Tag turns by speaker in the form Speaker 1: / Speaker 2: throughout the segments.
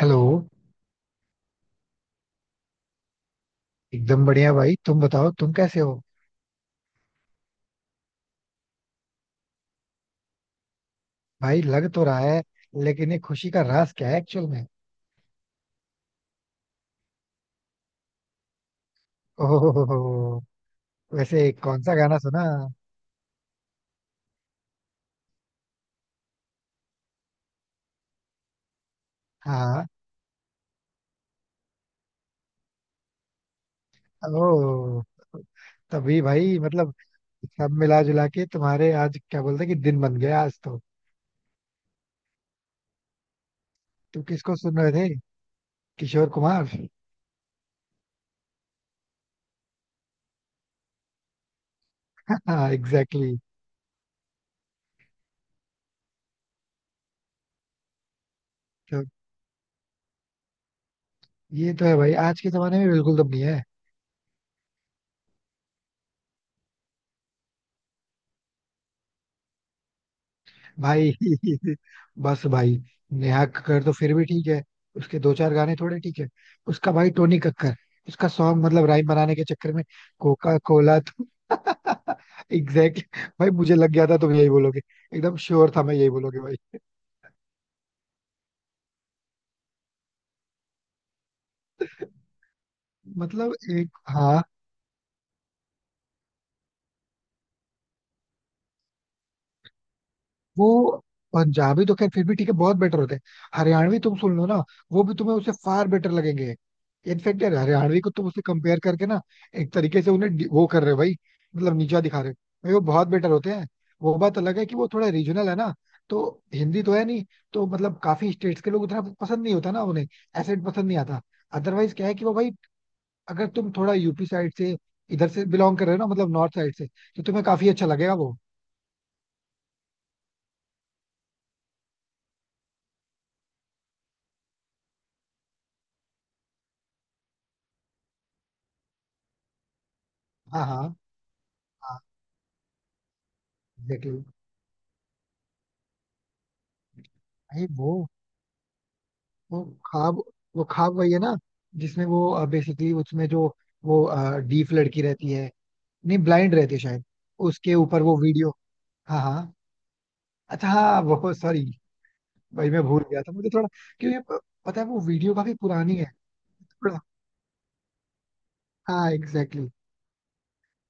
Speaker 1: Hello. एकदम बढ़िया भाई, तुम बताओ तुम कैसे हो? भाई लग तो रहा है, लेकिन ये खुशी का राज क्या है एक्चुअल में? ओहो, वैसे कौन सा गाना सुना? हाँ. ओ. तभी भाई. सब मिला जुला के तुम्हारे आज क्या बोलते हैं कि दिन बन गया आज तो. तुम किसको सुन रहे थे? किशोर कुमार हाँ एग्जैक्टली exactly. तो ये तो है भाई, आज के जमाने में बिल्कुल दम नहीं है भाई. बस भाई, नेहा कक्कड़ तो फिर भी ठीक है. उसके दो चार गाने थोड़े ठीक है. उसका भाई टोनी कक्कर, उसका सॉन्ग राइम बनाने के चक्कर में कोका कोला तो एग्जैक्टली. भाई मुझे लग गया था तुम यही बोलोगे, एकदम श्योर था मैं यही बोलोगे भाई. एक हाँ. वो पंजाबी तो खैर फिर भी ठीक है, बहुत बेटर होते हैं. हरियाणवी तुम सुन लो ना, वो भी तुम्हें उससे फार बेटर लगेंगे. इनफैक्ट यार हरियाणवी को तुम उससे कंपेयर करके ना, एक तरीके से उन्हें वो कर रहे हो भाई, नीचा दिखा रहे हो. भाई वो बहुत बेटर होते हैं. वो बात अलग है कि वो थोड़ा रीजनल है ना, तो हिंदी तो है नहीं. तो काफी स्टेट्स के लोग उतना पसंद नहीं होता ना उन्हें, एसेंट पसंद नहीं आता. अदरवाइज क्या है कि वो भाई, अगर तुम थोड़ा यूपी साइड से, इधर से बिलोंग कर रहे हो ना, नॉर्थ साइड से, तो तुम्हें काफी अच्छा लगेगा वो. हाँ हाँ. हाँ एग्जैक्टली. भाई वो ख्वाब, वो ख्वाब वही है ना, जिसमें वो बेसिकली, उसमें जो, वो, डीफ लड़की रहती है, नहीं ब्लाइंड रहती है शायद, उसके ऊपर वो वीडियो. हाँ हाँ, अच्छा हाँ वो सॉरी. भाई मैं भूल गया था, मुझे थोड़ा, क्योंकि पता है वो वीडियो काफी पुरानी है, थोड़ा. हाँ एग्जैक्टली exactly.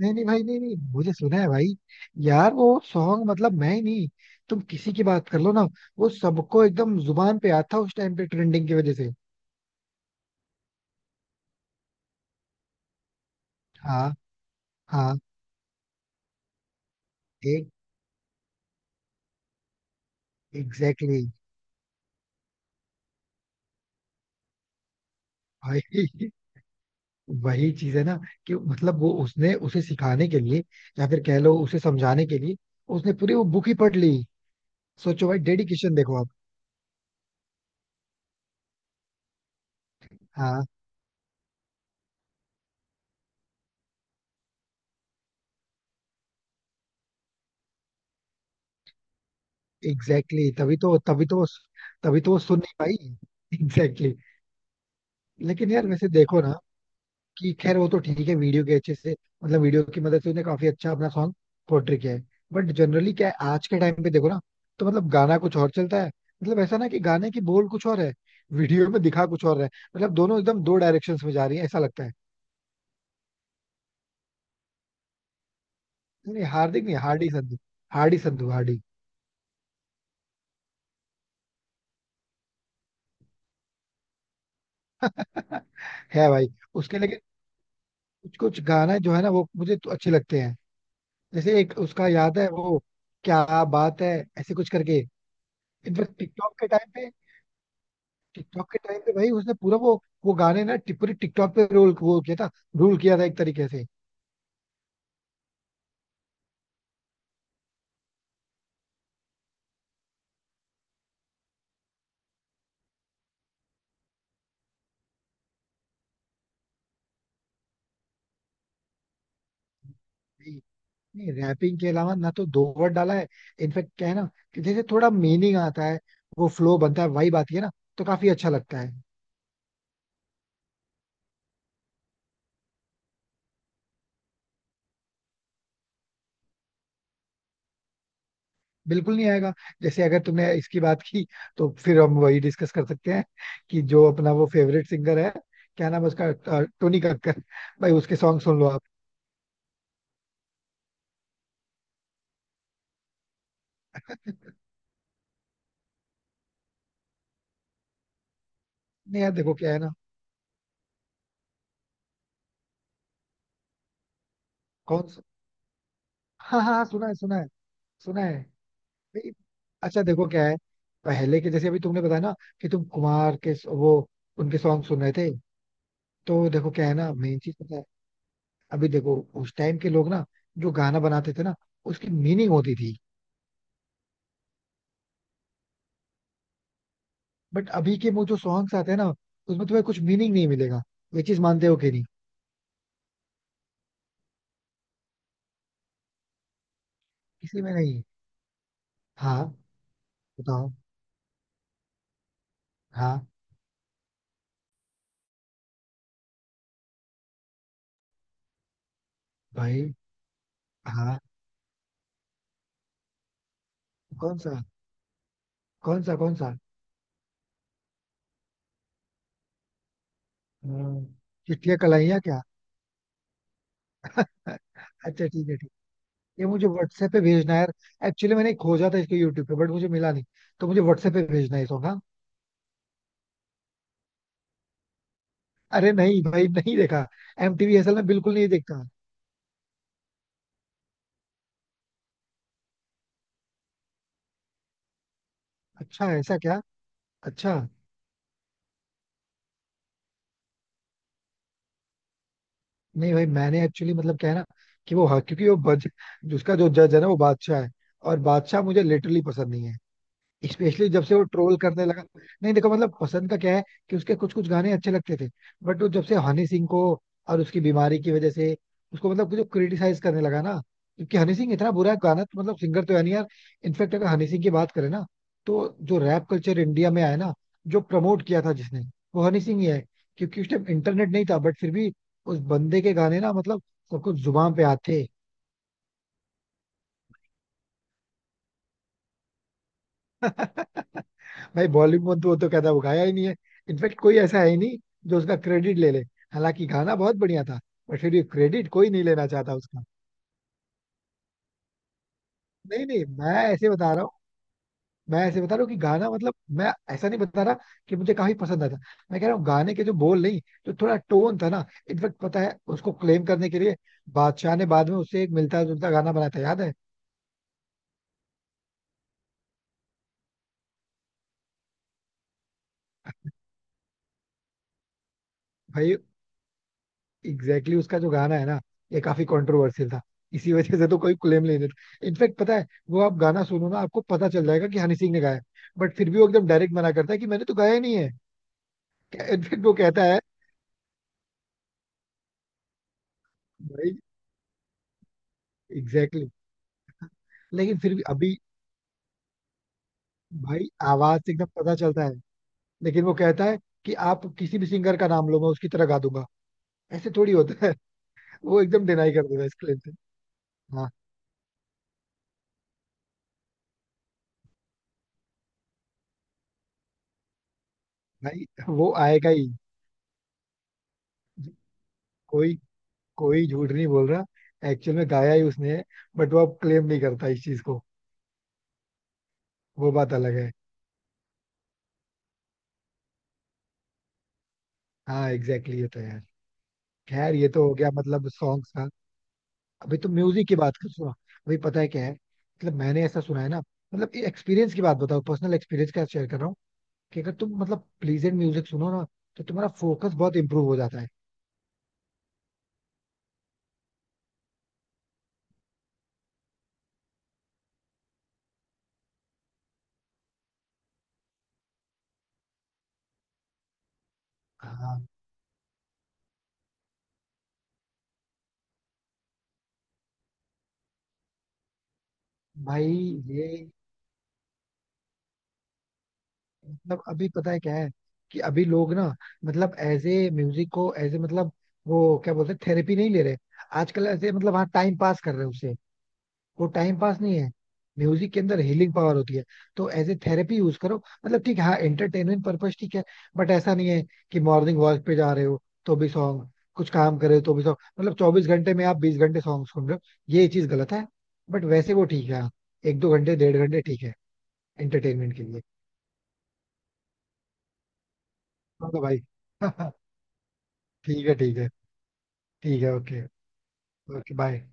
Speaker 1: नहीं नहीं भाई, नहीं नहीं, मुझे सुना है भाई. यार वो सॉन्ग मैं ही नहीं, तुम किसी की बात कर लो ना, वो सबको एकदम जुबान पे आता था उस टाइम पे ट्रेंडिंग की वजह से. हाँ हाँ. एक. एग्जैक्टली. भाई वही चीज है ना, कि वो उसने उसे सिखाने के लिए, या फिर कह लो उसे समझाने के लिए, उसने पूरी वो बुक ही पढ़ ली. सोचो भाई, डेडिकेशन देखो आप. हाँ एग्जैक्टली exactly, तभी तो तभी तो. तभी तो वो सुन नहीं पाई. Exactly exactly. लेकिन यार वैसे देखो ना, कि खैर वो तो ठीक है, वीडियो के अच्छे से, वीडियो की मदद से उन्हें काफी अच्छा अपना सॉन्ग पोर्ट्रे किया है. बट जनरली क्या है, आज के टाइम पे देखो ना, तो गाना कुछ और चलता है. ऐसा ना कि गाने की बोल कुछ और है, वीडियो में दिखा कुछ और है. दोनों एकदम दो डायरेक्शंस में जा रही है ऐसा लगता है. नहीं हार्दिक नहीं, हार्डी संधू. हार्डी संधू, हार्डी. है भाई. उसके लेकिन कुछ कुछ गाना जो है ना वो मुझे तो अच्छे लगते हैं. जैसे एक उसका याद है वो, क्या बात है, ऐसे कुछ करके. इनफेक्ट टिकटॉक के टाइम पे, टिकटॉक के टाइम पे भाई उसने पूरा वो गाने ना पूरी टिकटॉक पे रोल वो किया था, रूल किया था एक तरीके से. नहीं, नहीं रैपिंग के अलावा ना तो दो वर्ड डाला है. इनफेक्ट क्या है ना, कि जैसे थोड़ा मीनिंग आता है, वो फ्लो बनता है, वाइब आती है ना, तो काफी अच्छा लगता है. बिल्कुल नहीं आएगा. जैसे अगर तुमने इसकी बात की, तो फिर हम वही डिस्कस कर सकते हैं, कि जो अपना वो फेवरेट सिंगर है, क्या नाम है उसका, टोनी कक्कर, भाई उसके सॉन्ग सुन लो आप. नहीं यार, देखो क्या है ना. कौन सा? हाँ हाँ हाँ, सुना है सुना है, सुना है. नहीं, अच्छा देखो क्या है, पहले के जैसे अभी तुमने बताया ना, कि तुम कुमार के वो, उनके सॉन्ग सुन रहे थे, तो देखो क्या है ना, मेन चीज पता है, अभी देखो, उस टाइम के लोग ना, जो गाना बनाते थे ना, उसकी मीनिंग होती थी. बट अभी के वो जो सॉन्ग्स आते हैं ना, उसमें तुम्हें कुछ मीनिंग नहीं मिलेगा. ये चीज मानते हो कि नहीं? किसी में नहीं. हाँ, बताओ. हाँ. भाई हाँ. कौन सा कौन सा कौन सा? हम्म, चिट्ठियां कलाइयां क्या? अच्छा ठीक है ठीक है। ये मुझे व्हाट्सएप पे भेजना है यार. एक्चुअली मैंने खोजा था इसको यूट्यूब पे बट मुझे मिला नहीं, तो मुझे व्हाट्सएप पे भेजना है ये सॉन्ग. हाँ. अरे नहीं भाई, नहीं देखा. एमटीवी असल में बिल्कुल नहीं देखता. अच्छा ऐसा क्या? अच्छा. नहीं भाई, मैंने एक्चुअली, क्या है ना, कि वो, हाँ क्योंकि वो बज उसका जो जज है ना, वो बादशाह है, और बादशाह मुझे लिटरली पसंद नहीं है. स्पेशली जब से वो ट्रोल करने लगा. नहीं देखो, पसंद का क्या है, कि उसके कुछ कुछ गाने अच्छे लगते थे. बट वो जब से हनी सिंह को, और उसकी बीमारी की वजह से, उसको जो क्रिटिसाइज करने लगा ना, क्योंकि हनी सिंह इतना बुरा गाना तो सिंगर तो है नहीं यार. इनफेक्ट अगर हनी सिंह की बात करें ना, तो जो रैप कल्चर इंडिया में आया ना, जो प्रमोट किया था जिसने, वो हनी सिंह ही है. क्योंकि उस टाइम इंटरनेट नहीं था बट फिर भी, उस बंदे के गाने ना सबको जुबान पे आते. भाई बॉलीवुड, वो तो कहता है वो गाया ही नहीं है. इनफेक्ट कोई ऐसा है ही नहीं जो उसका क्रेडिट ले ले. हालांकि गाना बहुत बढ़िया था, बट फिर भी क्रेडिट कोई नहीं लेना चाहता उसका. नहीं नहीं, मैं ऐसे बता रहा हूँ, मैं ऐसे बता रहा हूँ कि गाना, मैं ऐसा नहीं बता रहा कि मुझे काफी पसंद आता. मैं कह रहा हूँ गाने के जो बोल नहीं, जो थोड़ा टोन था ना. इनफेक्ट पता है उसको क्लेम करने के लिए बादशाह ने बाद में उससे एक मिलता जुलता गाना बनाया था याद है. भाई एग्जैक्टली exactly, उसका जो गाना है ना, ये काफी कंट्रोवर्शियल था. इसी वजह से तो कोई क्लेम नहीं देता. इनफैक्ट पता है वो आप गाना सुनो ना आपको पता चल जाएगा कि हनी सिंह ने गाया, बट फिर भी वो एकदम डायरेक्ट मना करता है कि मैंने तो गाया ही नहीं है. इनफैक्ट वो कहता है, भाई एग्जैक्टली exactly. लेकिन फिर भी अभी, भाई आवाज से एकदम पता चलता है. लेकिन वो कहता है कि आप किसी भी सिंगर का नाम लो मैं उसकी तरह गा दूंगा, ऐसे थोड़ी होता है. वो एकदम डिनाई कर देता है इस क्लेम से. हाँ भाई, वो आएगा ही. कोई कोई झूठ नहीं बोल रहा, एक्चुअल में गाया ही उसने है. बट वो अब क्लेम नहीं करता इस चीज को, वो बात अलग है. हाँ एग्जैक्टली exactly, ये तो है यार. खैर, ये तो हो गया सॉन्ग्स का. अभी तो म्यूजिक की बात कर सुना. अभी पता है क्या है, मैंने ऐसा सुना है ना, ये एक्सपीरियंस की बात बताओ, पर्सनल एक्सपीरियंस का शेयर कर रहा हूँ, कि अगर तुम प्लीजेंट म्यूजिक सुनो ना, तो तुम्हारा फोकस बहुत इंप्रूव हो जाता है. हाँ. भाई ये, अभी पता है क्या है, कि अभी लोग ना, एज ए म्यूजिक को एज ए वो क्या बोलते हैं, थेरेपी नहीं ले रहे. आजकल ऐसे हाँ टाइम पास कर रहे हैं उसे. वो टाइम पास नहीं है, म्यूजिक के अंदर हीलिंग पावर होती है. तो एज ए थेरेपी यूज करो. ठीक है हाँ, एंटरटेनमेंट पर्पज ठीक है. बट ऐसा नहीं है कि मॉर्निंग वॉक पे जा रहे हो तो भी सॉन्ग, कुछ काम कर रहे हो तो भी सॉन्ग, 24 घंटे में आप 20 घंटे सॉन्ग सुन रहे हो, ये चीज गलत है. बट वैसे वो ठीक है हाँ, एक दो घंटे, 1.5 घंटे ठीक है, एंटरटेनमेंट के लिए. हाँ तो भाई ठीक है ठीक है. ठीक है ओके. Okay bye.